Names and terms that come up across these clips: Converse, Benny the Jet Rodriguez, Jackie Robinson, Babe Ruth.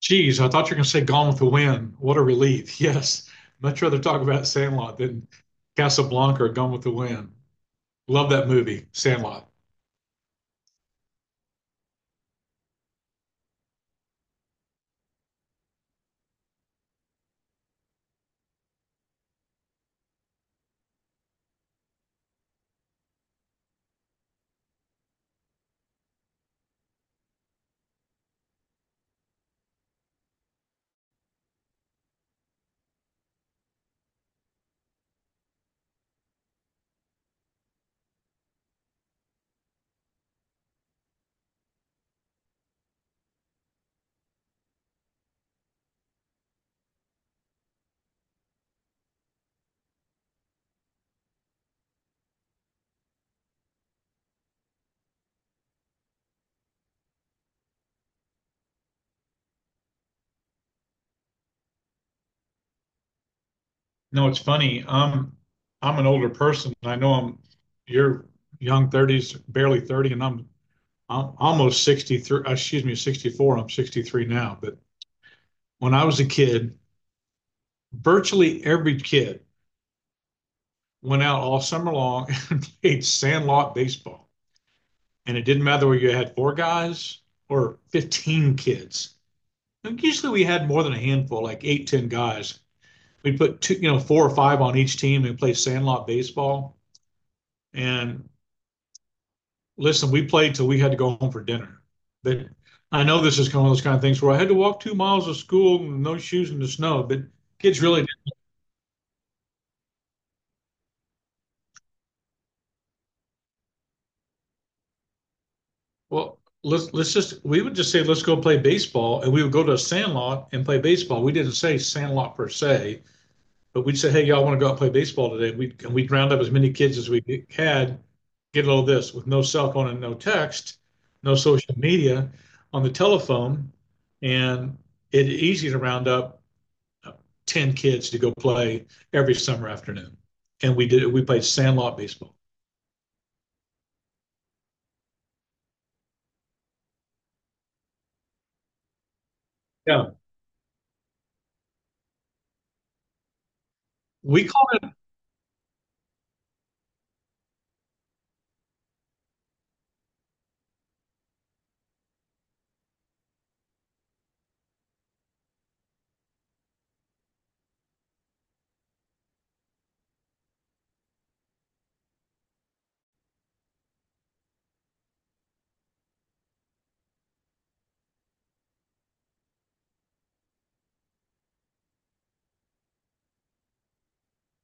Geez, I thought you were going to say Gone with the Wind. What a relief. Yes. Much rather talk about Sandlot than Casablanca or Gone with the Wind. Love that movie, Sandlot. No, it's funny. I'm an older person. I know I'm you're young 30s, barely 30, and I'm almost 63, excuse me, 64. I'm 63 now. But when I was a kid, virtually every kid went out all summer long and played Sandlot baseball. And it didn't matter whether you had four guys or 15 kids. And usually we had more than a handful, like eight, 10 guys. We'd put two, four or five on each team and play sandlot baseball. And listen, we played till we had to go home for dinner. But I know this is kind of one of those kind of things where I had to walk 2 miles to school with no shoes in the snow, but kids really did. Well, let's just we would just say let's go play baseball, and we would go to a sandlot and play baseball. We didn't say sandlot per se. But we'd say, hey, y'all want to go out and play baseball today? And we'd round up as many kids as we had, get all this with no cell phone and no text, no social media on the telephone. And it's easy to round up uh, 10 kids to go play every summer afternoon. And we did, we played sandlot baseball. Yeah. We call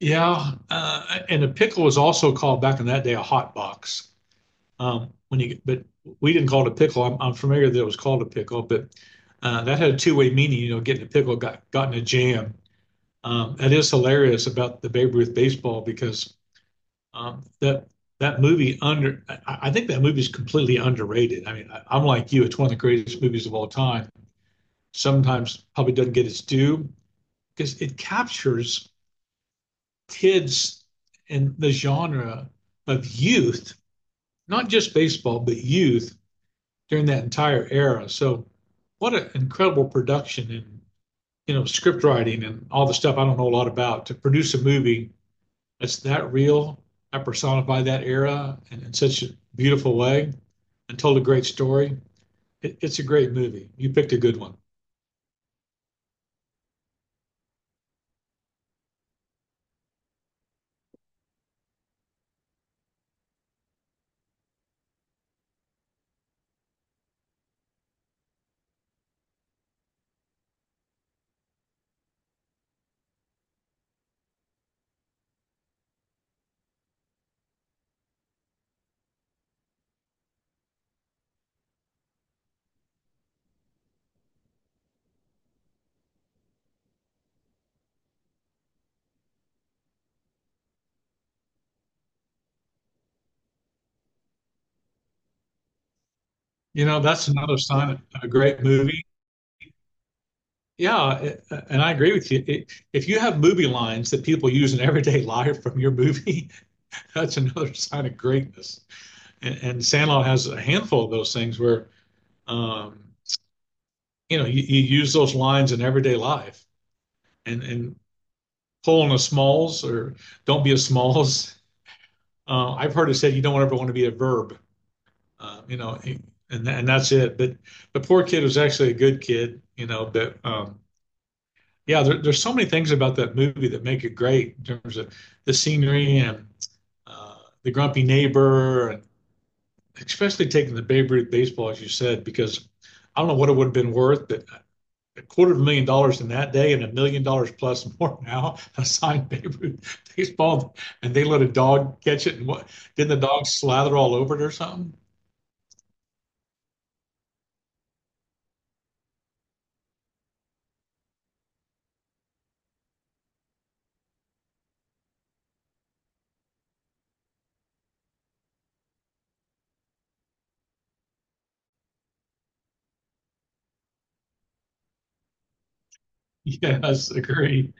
it, yeah. And a pickle was also called back in that day a hot box. When you but we didn't call it a pickle. I'm familiar that it was called a pickle, but that had a two-way meaning. Getting a pickle got in a jam. That is hilarious about the Babe Ruth baseball because that that movie under I think that movie is completely underrated. I mean, I'm like you; it's one of the greatest movies of all time. Sometimes probably doesn't get its due because it captures kids in the genre of youth, not just baseball, but youth during that entire era. So, what an incredible production and script writing and all the stuff I don't know a lot about to produce a movie that's that real, that personified that era and in such a beautiful way, and told a great story. It's a great movie. You picked a good one. You know that's another sign of a great movie. Yeah, and I agree with you. If you have movie lines that people use in everyday life from your movie, that's another sign of greatness. And Sandlot has a handful of those things where, um, you use those lines in everyday life and pull on a smalls or don't be a smalls. I've heard it said you don't ever want to be a verb, uh, you know, and that's it. But the poor kid was actually a good kid, but, yeah, there's so many things about that movie that make it great in terms of the scenery and uh, the grumpy neighbor and especially taking the Babe Ruth baseball, as you said, because I don't know what it would have been worth, but a quarter of $1 million in that day and $1 million plus more now. A signed Babe Ruth baseball, and they let a dog catch it, and what didn't the dog slather all over it or something? Yes, agree.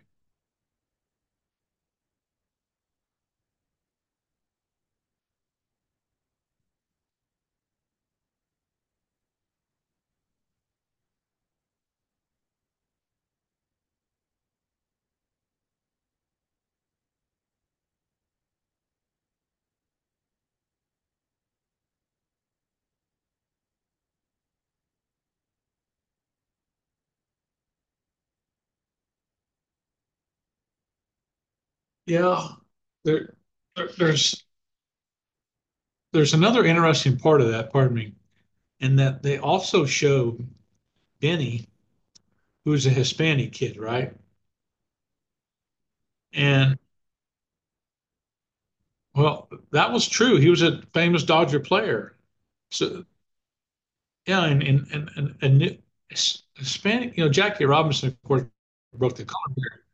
Yeah, there, there, there's there's another interesting part of that. Pardon me, in that they also show Benny, who's a Hispanic kid, right? And Well, that was true. He was a famous Dodger player. So yeah, and Hispanic, Jackie Robinson, of course, broke the color barrier.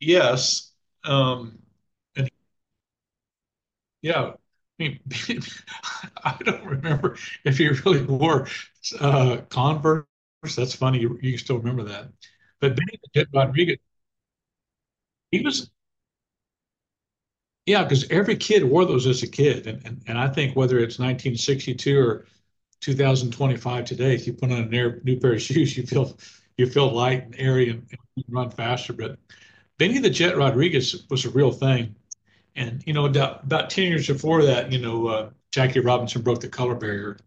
Yes, um, and yeah, I mean, I don't remember if he really wore Converse. That's funny. You still remember that, but Benny the Jet Rodriguez, he was yeah, because every kid wore those as a kid, and and I think whether it's 1962 or 2025 today, if you put on a near, new pair of shoes, you feel light and airy and run faster. But Benny the Jet Rodriguez was a real thing, and about 10 years before that, Jackie Robinson broke the color barrier.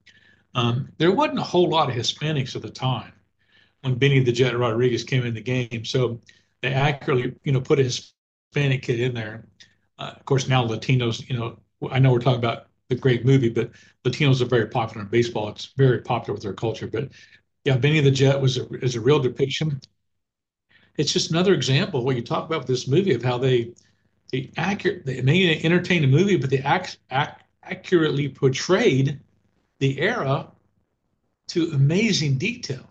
There wasn't a whole lot of Hispanics at the time, when Benny the Jet Rodriguez came in the game. So they accurately, put a Hispanic kid in there. Of course, now Latinos, I know we're talking about the great movie, but Latinos are very popular in baseball. It's very popular with their culture. But yeah, Benny the Jet is a real depiction. It's just another example of what you talk about with this movie of how they may entertain a movie, but accurately portrayed the era to amazing detail.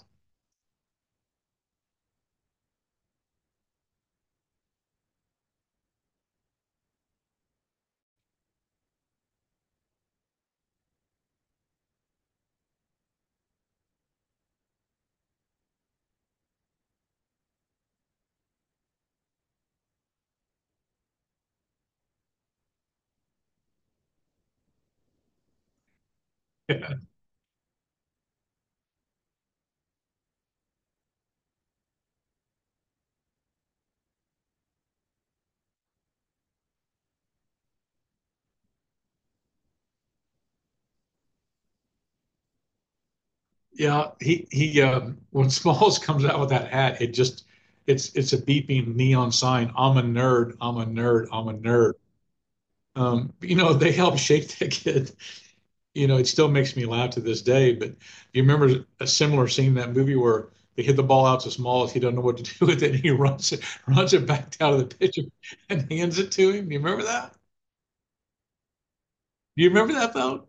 Yeah, he. When Smalls comes out with that hat, it just it's a beeping neon sign. I'm a nerd. I'm a nerd. I'm a nerd. They helped shape that kid. It still makes me laugh to this day. But you remember a similar scene in that movie where they hit the ball out to Smalls. He doesn't know what to do with it. And he runs it back down to the pitcher and hands it to him. Do you remember that? Do you remember that though?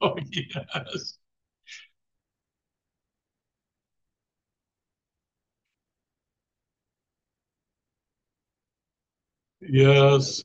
Oh yes, yes.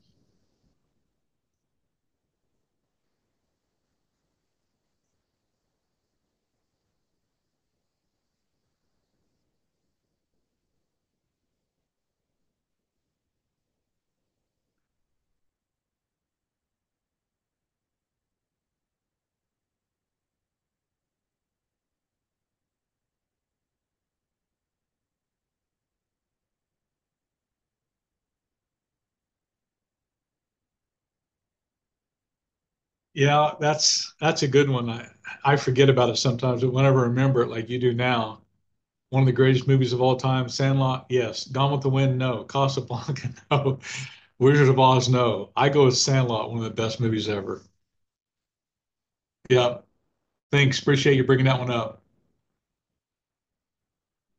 Yeah, that's a good one. I forget about it sometimes, but whenever I remember it, like you do now, one of the greatest movies of all time, Sandlot, yes. Gone with the Wind, no. Casablanca, no. Wizard of Oz, no. I go with Sandlot, one of the best movies ever. Yeah, thanks. Appreciate you bringing that one up.